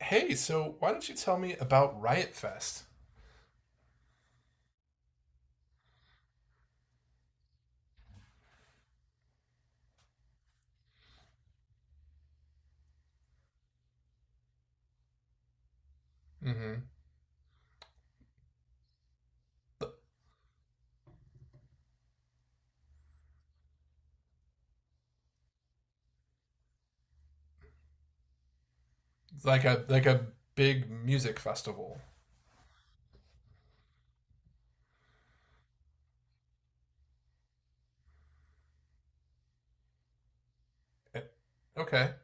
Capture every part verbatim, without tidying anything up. Hey, so why don't you tell me about Riot Fest? Mm-hmm. Like a like a big music festival. Eh, okay,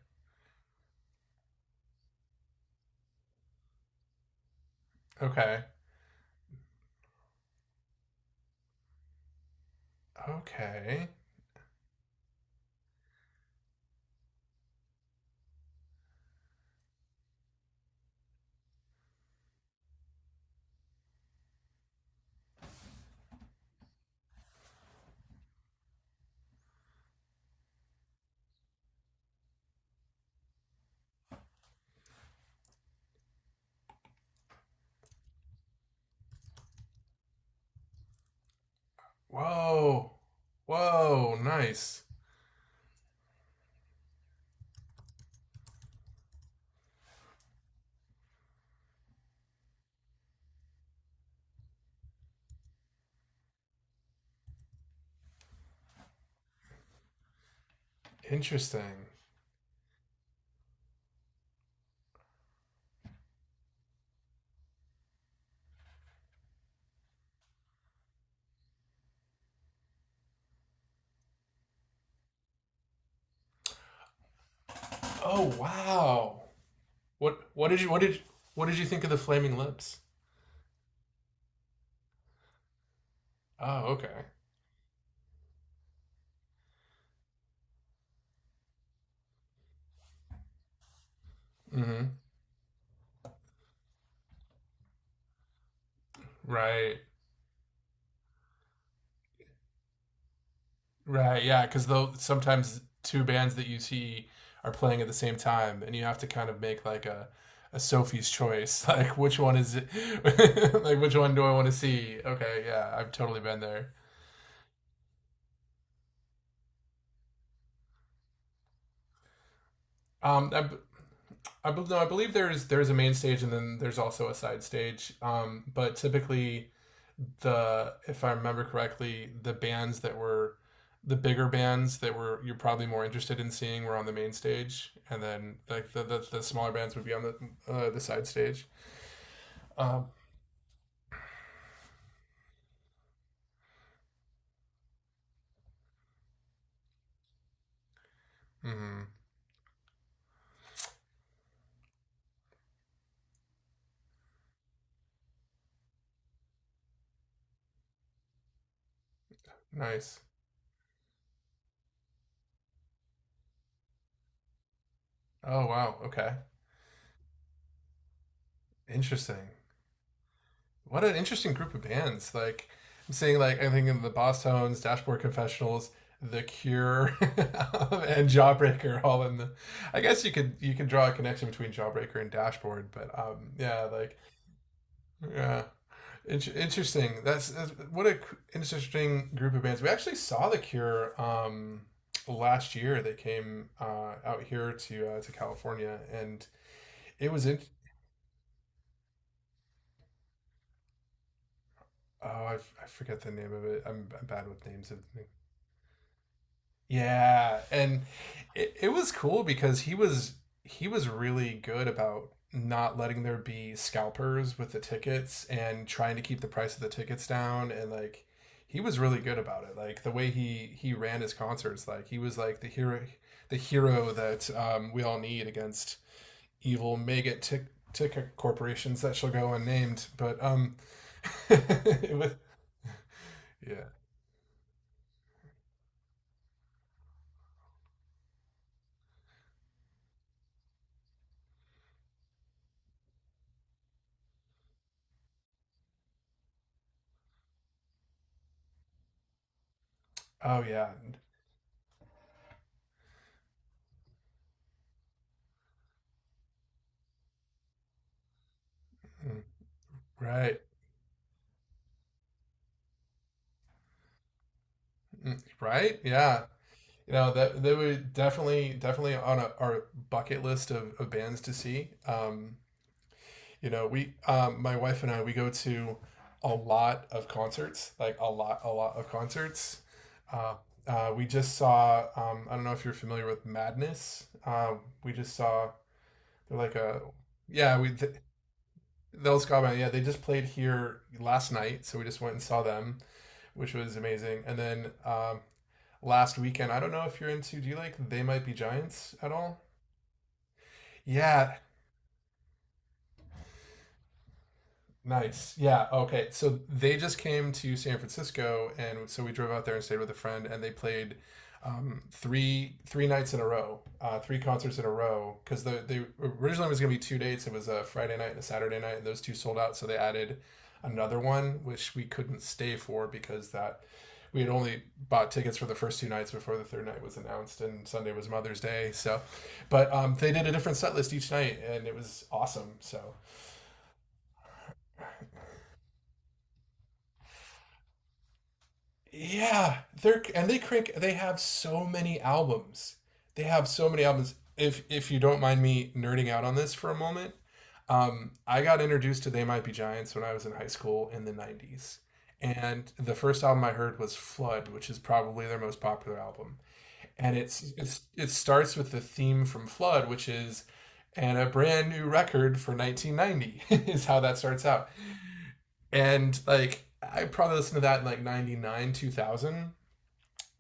okay, okay. Whoa, whoa, nice, interesting. Oh wow. What what did you what did what did you think of the Flaming Lips? Oh okay. Mm-hmm. Right. Right. Yeah. Because though sometimes two bands that you see are playing at the same time, and you have to kind of make like a a Sophie's choice, like which one is it? Like which one do I want to see? Okay. Yeah. I've totally been there. Um. I, b- I b- no. I believe there's there's a main stage and then there's also a side stage. Um. But typically the if I remember correctly, the bands that were the bigger bands that were you're probably more interested in seeing were on the main stage, and then like the the, the smaller bands would be on the uh, the side stage. Um, mhm. Nice. Oh wow. Okay. Interesting. What an interesting group of bands. Like I'm seeing like I think of the Boss Tones, Dashboard Confessionals, The Cure, and Jawbreaker all in the. I guess you could you could draw a connection between Jawbreaker and Dashboard, but um yeah like yeah. In- interesting. That's, that's what a c- Interesting group of bands. We actually saw The Cure um, last year. They came uh, out here to uh, to California, and it was in. Oh, I, f- I forget the name of it. I'm, I'm bad with names of yeah, and it, it was cool because he was he was really good about not letting there be scalpers with the tickets and trying to keep the price of the tickets down, and like he was really good about it. Like the way he he ran his concerts, like he was like the hero the hero that um, we all need against evil mega tick ticket corporations that shall go unnamed, but um, it was, yeah. Oh yeah. Mm, right. Mm, right, yeah. You know that they were definitely definitely on a, our bucket list of, of bands to see. Um, you know, we um, my wife and I, we go to a lot of concerts, like a lot a lot of concerts. Uh, uh, we just saw um, I don't know if you're familiar with Madness. Um, we just saw they're like a yeah we th- those Scott, yeah, they just played here last night, so we just went and saw them, which was amazing. And then um, last weekend. I don't know if you're into. Do you like They Might Be Giants at all? Yeah. Nice. Yeah. Okay. So they just came to San Francisco, and so we drove out there and stayed with a friend, and they played um, three three nights in a row, uh, three concerts in a row. Because the they originally was going to be two dates. It was a Friday night and a Saturday night, and those two sold out. So they added another one, which we couldn't stay for because that we had only bought tickets for the first two nights before the third night was announced, and Sunday was Mother's Day, so but um, they did a different set list each night and it was awesome so yeah, they're and they crank. They have so many albums. They have so many albums. If if you don't mind me nerding out on this for a moment, um, I got introduced to They Might Be Giants when I was in high school in the nineties, and the first album I heard was Flood, which is probably their most popular album. And it's it's it starts with the theme from Flood, which is and a brand new record for nineteen ninety, is how that starts out. And like I probably listened to that in like ninety-nine, two thousand,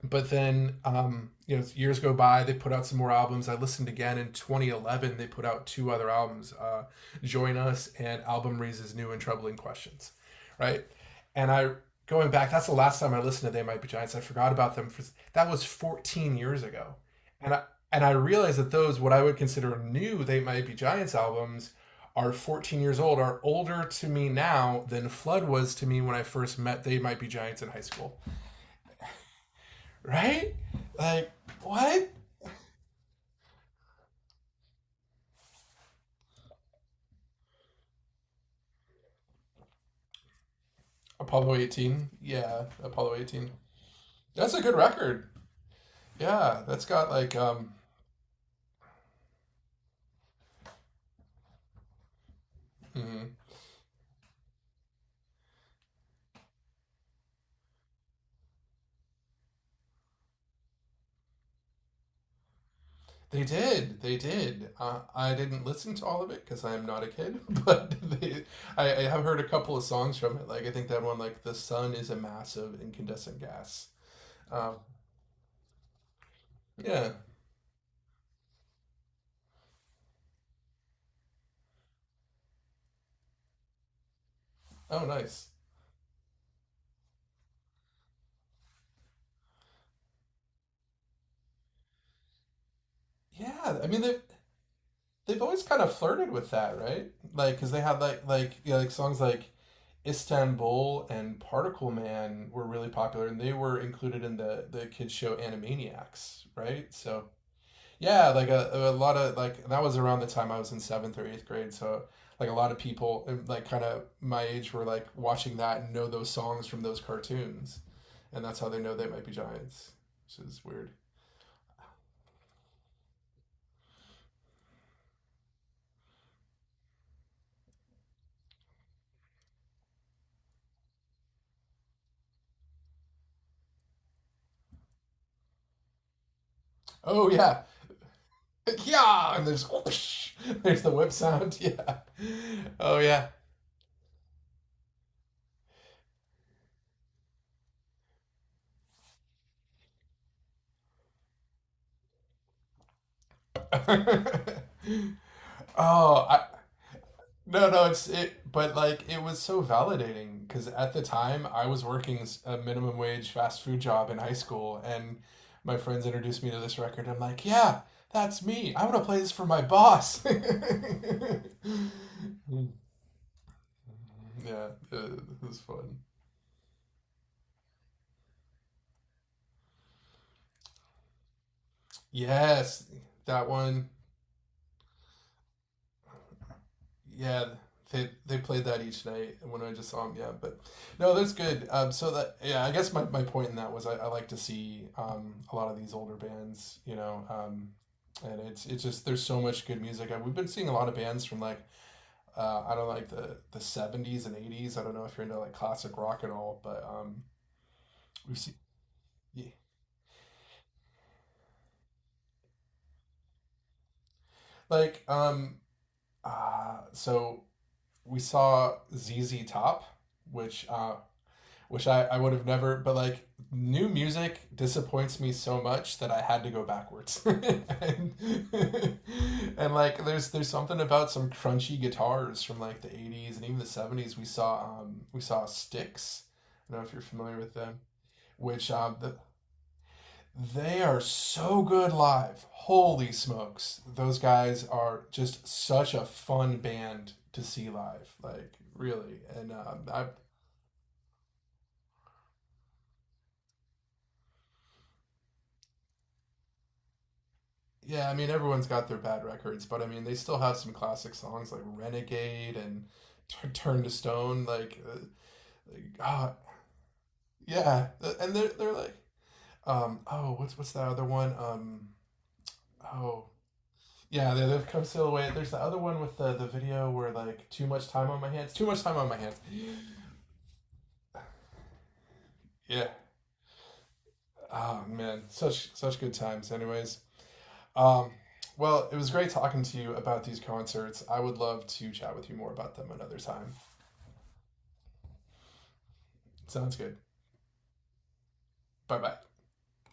but then um, you know, years go by, they put out some more albums. I listened again in twenty eleven. They put out two other albums, uh, Join Us and Album Raises New and Troubling Questions, right. and I going back, that's the last time I listened to They Might Be Giants. I forgot about them for, that was fourteen years ago. and i and I realized that those, what I would consider new They Might Be Giants albums, are fourteen years old, are older to me now than Flood was to me when I first met They Might Be Giants in high school. Right? Like, what? Apollo eighteen. Yeah, Apollo eighteen. That's a good record. Yeah, that's got like, um, mm, they did. They did. Uh, I didn't listen to all of it because I am not a kid, but they, I, I have heard a couple of songs from it. Like, I think that one, like, The Sun Is a Massive Incandescent Gas. Um, yeah. Oh, nice. Yeah, I mean, they've, they've always kind of flirted with that, right? Like, because they had, like, like, yeah, like songs like Istanbul and Particle Man were really popular, and they were included in the the kids show Animaniacs, right? So yeah, like a, a lot of like, that was around the time I was in seventh or eighth grade, so like a lot of people um, like kind of my age were like watching that and know those songs from those cartoons, and that's how they know They Might Be Giants, which is weird. Oh yeah, yeah, and there's whoosh, there's the whip sound, yeah, oh yeah. Oh, I, no, no, it's it, but like it was so validating because at the time I was working a minimum wage fast food job in high school, and my friends introduced me to this record. I'm like, yeah, that's me. I want to play this for my boss. Yeah, uh, it was fun. Yes, that one. Yeah, they they played that each night when I just saw them. Yeah, but no, that's good. Um, so that yeah, I guess my, my point in that was I, I like to see um a lot of these older bands, you know, um, and it's it's just there's so much good music. I, we've been seeing a lot of bands from like uh, I don't know, like the the seventies and eighties. I don't know if you're into like classic rock at all, but um, we've seen yeah. Like um uh so we saw Z Z Top, which uh, which I, I would have never, but like new music disappoints me so much that I had to go backwards. And, and, like there's there's something about some crunchy guitars from like the eighties and even the seventies. We saw um we saw Sticks. I don't know if you're familiar with them, which um the, they are so good live. Holy smokes. Those guys are just such a fun band to see live. Like really. And um, I yeah, I mean everyone's got their bad records, but I mean they still have some classic songs like Renegade and Tur- Turn to Stone. Like, uh, like ah, yeah, and they're they're like, um, oh, what's what's that other one? Um, oh, yeah, they, they've come still away. There's the other one with the the video where like too much time on my hands, too much time on my hands. Yeah, oh man, such such good times. Anyways, um, well, it was great talking to you about these concerts. I would love to chat with you more about them another time. Sounds good. Bye bye.